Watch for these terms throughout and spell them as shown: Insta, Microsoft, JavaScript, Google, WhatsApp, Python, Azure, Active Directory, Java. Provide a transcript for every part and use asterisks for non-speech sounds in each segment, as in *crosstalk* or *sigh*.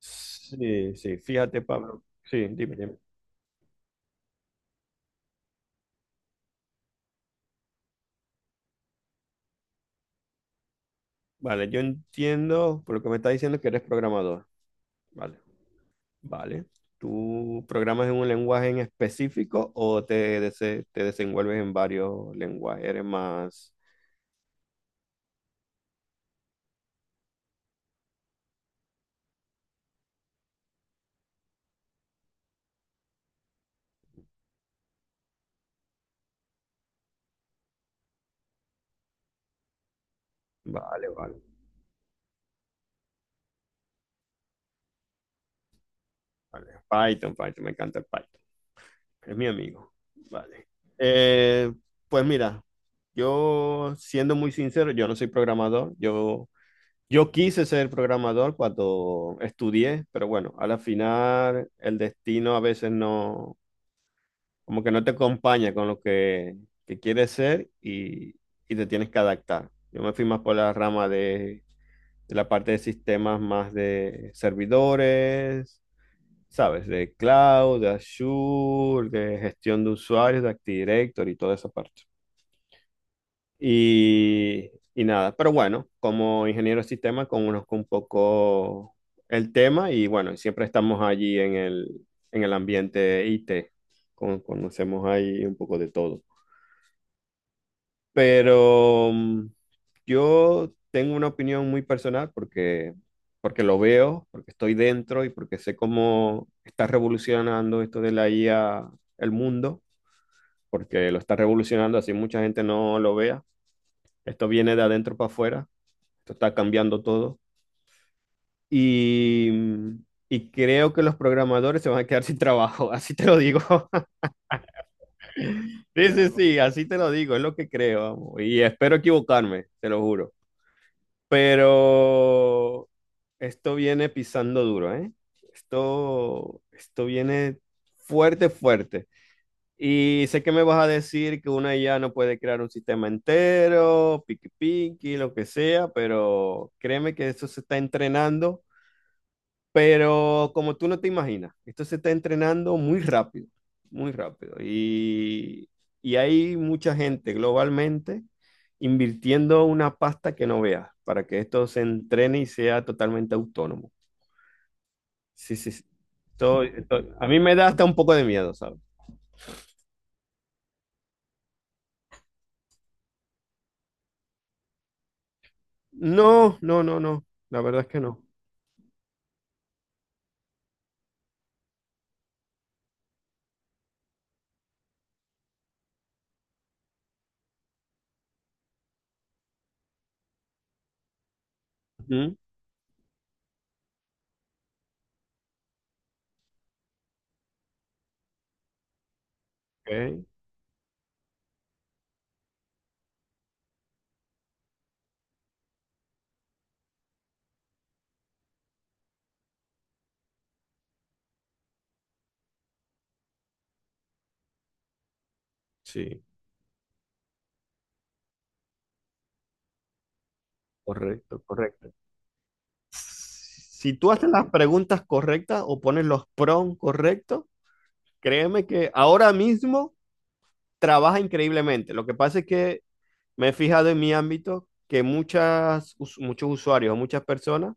Sí, sí, fíjate, Pablo. Sí, dime, dime. Vale, yo entiendo por lo que me estás diciendo que eres programador. Vale, vale. ¿Tú programas en un lenguaje en específico o te, te desenvuelves en varios lenguajes? Eres más... Vale, vale, vale. Python, Python, me encanta el Python. Es mi amigo. Vale. Eh, pues mira, yo siendo muy sincero, yo no soy programador. Yo quise ser programador cuando estudié, pero bueno, a la final el destino a veces no, como que no te acompaña con lo que quieres ser y te tienes que adaptar. Yo me fui más por la rama de la parte de sistemas más de servidores, ¿sabes? De cloud, de Azure, de gestión de usuarios, de Active Directory y toda esa parte. Y nada, pero bueno, como ingeniero de sistema conozco un poco el tema y bueno, siempre estamos allí en el ambiente IT. Conocemos ahí un poco de todo. Pero yo tengo una opinión muy personal porque, porque lo veo, porque estoy dentro y porque sé cómo está revolucionando esto de la IA el mundo, porque lo está revolucionando así mucha gente no lo vea. Esto viene de adentro para afuera. Esto está cambiando todo. Y, y creo que los programadores se van a quedar *laughs* sin trabajo, así te lo digo. *laughs* Sí, sí, claro, sí, así te lo digo, es lo que creo, vamos. Y espero equivocarme, te lo juro. Pero esto viene pisando duro, ¿eh? Esto viene fuerte, fuerte. Y sé que me vas a decir que una IA no puede crear un sistema entero, piqui piqui, lo que sea, pero créeme que eso se está entrenando. Pero como tú no te imaginas, esto se está entrenando muy rápido, muy rápido. Y hay mucha gente globalmente invirtiendo una pasta que no veas para que esto se entrene y sea totalmente autónomo. Sí, sí, sí. A mí me da hasta un poco de miedo, ¿sabes? No, no, no, no. La verdad es que no. Ujú. Ok. Sí, correcto, correcto. Si tú haces las preguntas correctas o pones los prompts correctos, créeme que ahora mismo trabaja increíblemente. Lo que pasa es que me he fijado en mi ámbito que muchos usuarios o muchas personas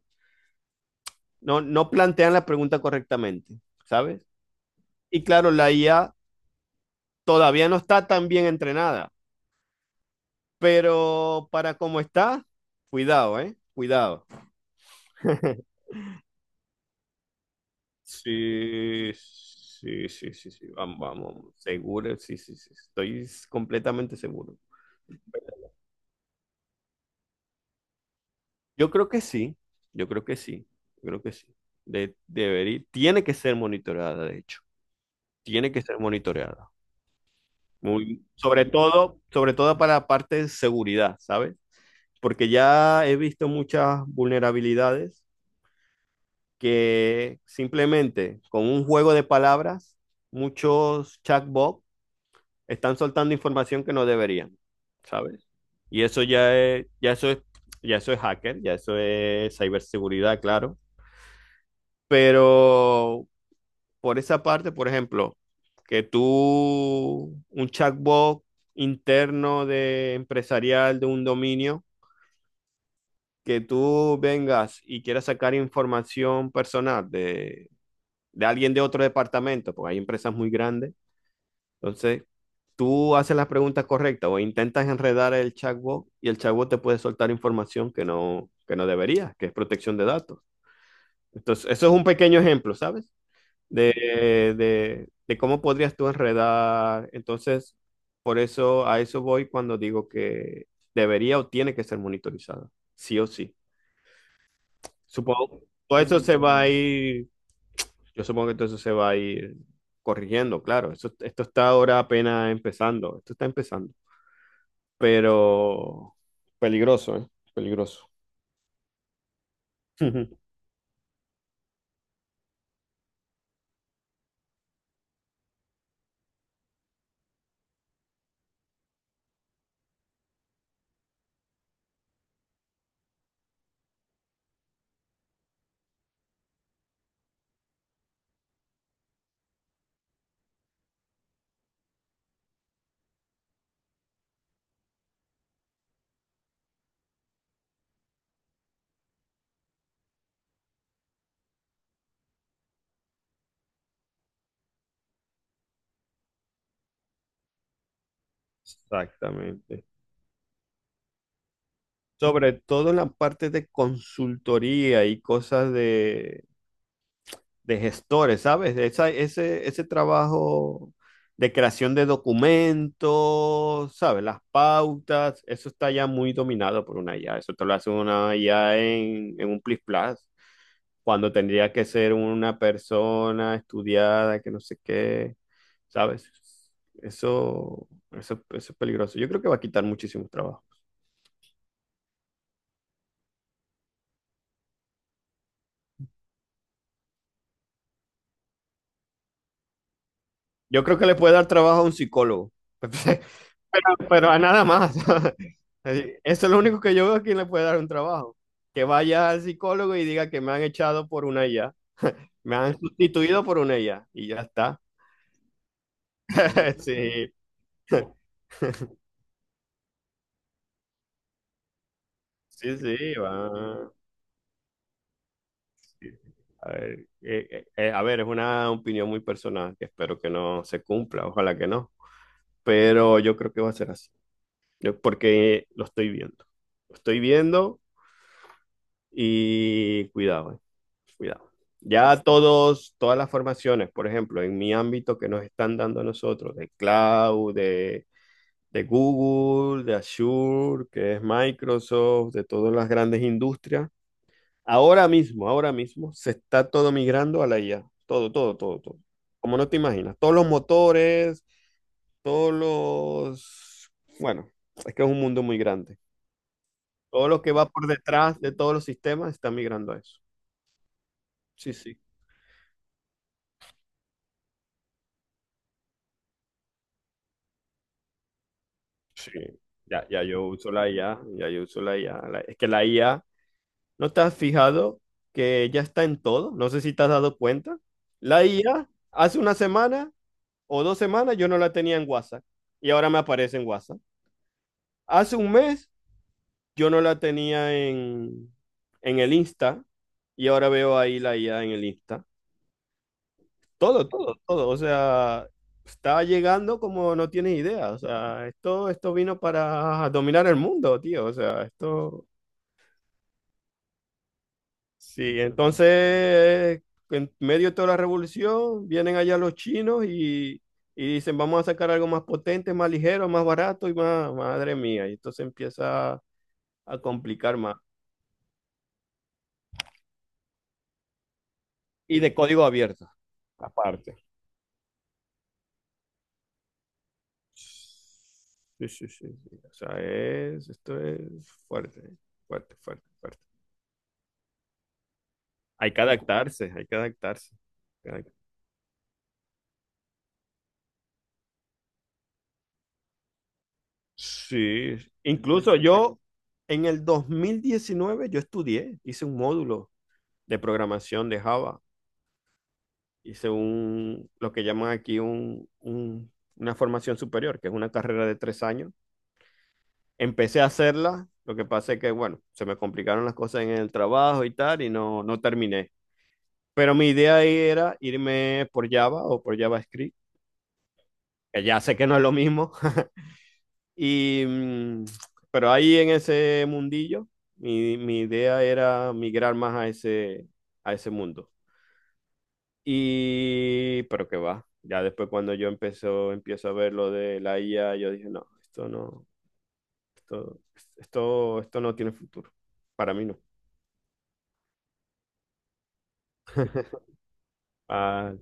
no, no plantean la pregunta correctamente, ¿sabes? Y claro, la IA todavía no está tan bien entrenada, pero para cómo está, cuidado, ¿eh? Cuidado. *laughs* Sí, sí, sí, sí, sí, vamos, vamos, seguro, sí, sí, sí, estoy completamente seguro. Yo creo que sí, yo creo que sí, yo creo que sí. Debería, tiene que ser monitoreada, de hecho, tiene que ser monitoreada. Muy, sobre todo para la parte de seguridad, ¿sabes? Porque ya he visto muchas vulnerabilidades que simplemente con un juego de palabras, muchos chatbots están soltando información que no deberían, ¿sabes? Y eso ya es, ya eso es, ya eso es hacker, ya eso es ciberseguridad, claro. Pero por esa parte, por ejemplo, que tú, un chatbot interno de empresarial de un dominio, que tú vengas y quieras sacar información personal de alguien de otro departamento, porque hay empresas muy grandes, entonces tú haces las preguntas correctas o intentas enredar el chatbot y el chatbot te puede soltar información que no debería, que es protección de datos. Entonces, eso es un pequeño ejemplo, ¿sabes? De, de cómo podrías tú enredar. Entonces, por eso a eso voy cuando digo que debería o tiene que ser monitorizada, sí o sí. Supongo, todo eso se va a ir, yo supongo que todo eso se va a ir corrigiendo, claro. Eso esto está ahora apenas empezando, esto está empezando, pero peligroso, ¿eh? Peligroso. *laughs* Exactamente. Sobre todo en la parte de consultoría y cosas de gestores, ¿sabes? Ese, ese trabajo de creación de documentos, ¿sabes? Las pautas, eso está ya muy dominado por una IA. Eso te lo hace una IA en un plis plas, cuando tendría que ser una persona estudiada, que no sé qué, ¿sabes? Eso es peligroso. Yo creo que va a quitar muchísimo trabajo. Yo creo que le puede dar trabajo a un psicólogo. *laughs* Pero a nada más. *laughs* Así, eso es lo único que yo veo a quien le puede dar un trabajo. Que vaya al psicólogo y diga que me han echado por una IA. *laughs* Me han sustituido por una IA. Y ya está. *laughs* Sí, sí, sí, va. Sí. A ver, es una opinión muy personal que espero que no se cumpla. Ojalá que no. Pero yo creo que va a ser así. Porque lo estoy viendo. Lo estoy viendo. Y cuidado, cuidado. Ya todos, todas las formaciones, por ejemplo, en mi ámbito que nos están dando a nosotros, de cloud, de Google, de Azure, que es Microsoft, de todas las grandes industrias, ahora mismo, se está todo migrando a la IA. Todo, todo, todo, todo. Como no te imaginas, todos los motores, todos los... Bueno, es que es un mundo muy grande. Todo lo que va por detrás de todos los sistemas está migrando a eso. Sí, sí. Sí, ya, ya yo uso la IA, ya yo uso la IA. Es que la IA, ¿no te has fijado que ya está en todo? No sé si te has dado cuenta. La IA, hace una semana o dos semanas yo no la tenía en WhatsApp y ahora me aparece en WhatsApp. Hace un mes yo no la tenía en el Insta y ahora veo ahí la IA en el Insta. Todo, todo, todo. O sea, está llegando como no tienes idea. O sea, esto vino para dominar el mundo, tío. O sea, esto... Sí, entonces, en medio de toda la revolución, vienen allá los chinos y dicen, vamos a sacar algo más potente, más ligero, más barato y más, madre mía. Y entonces empieza a complicar más. Y de código abierto, aparte. Sí, sí, sí, sí. O sea, es, esto es fuerte, fuerte, fuerte, fuerte. Hay que adaptarse, hay que adaptarse. Hay que adapt- Sí, incluso yo en el 2019 yo estudié, hice un módulo de programación de Java. Hice un, lo que llaman aquí un, una formación superior, que es una carrera de 3 años. Empecé a hacerla, lo que pasa es que, bueno, se me complicaron las cosas en el trabajo y tal, y no, no terminé. Pero mi idea ahí era irme por Java o por JavaScript, que ya sé que no es lo mismo. *laughs* Y, pero ahí en ese mundillo, mi idea era migrar más a ese mundo. Y, pero que va. Ya después cuando empiezo a ver lo de la IA, yo dije, no, esto no, esto, esto no tiene futuro. Para mí no. *laughs* Vale.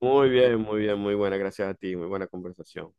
Muy bien, muy bien, muy buena. Gracias a ti, muy buena conversación.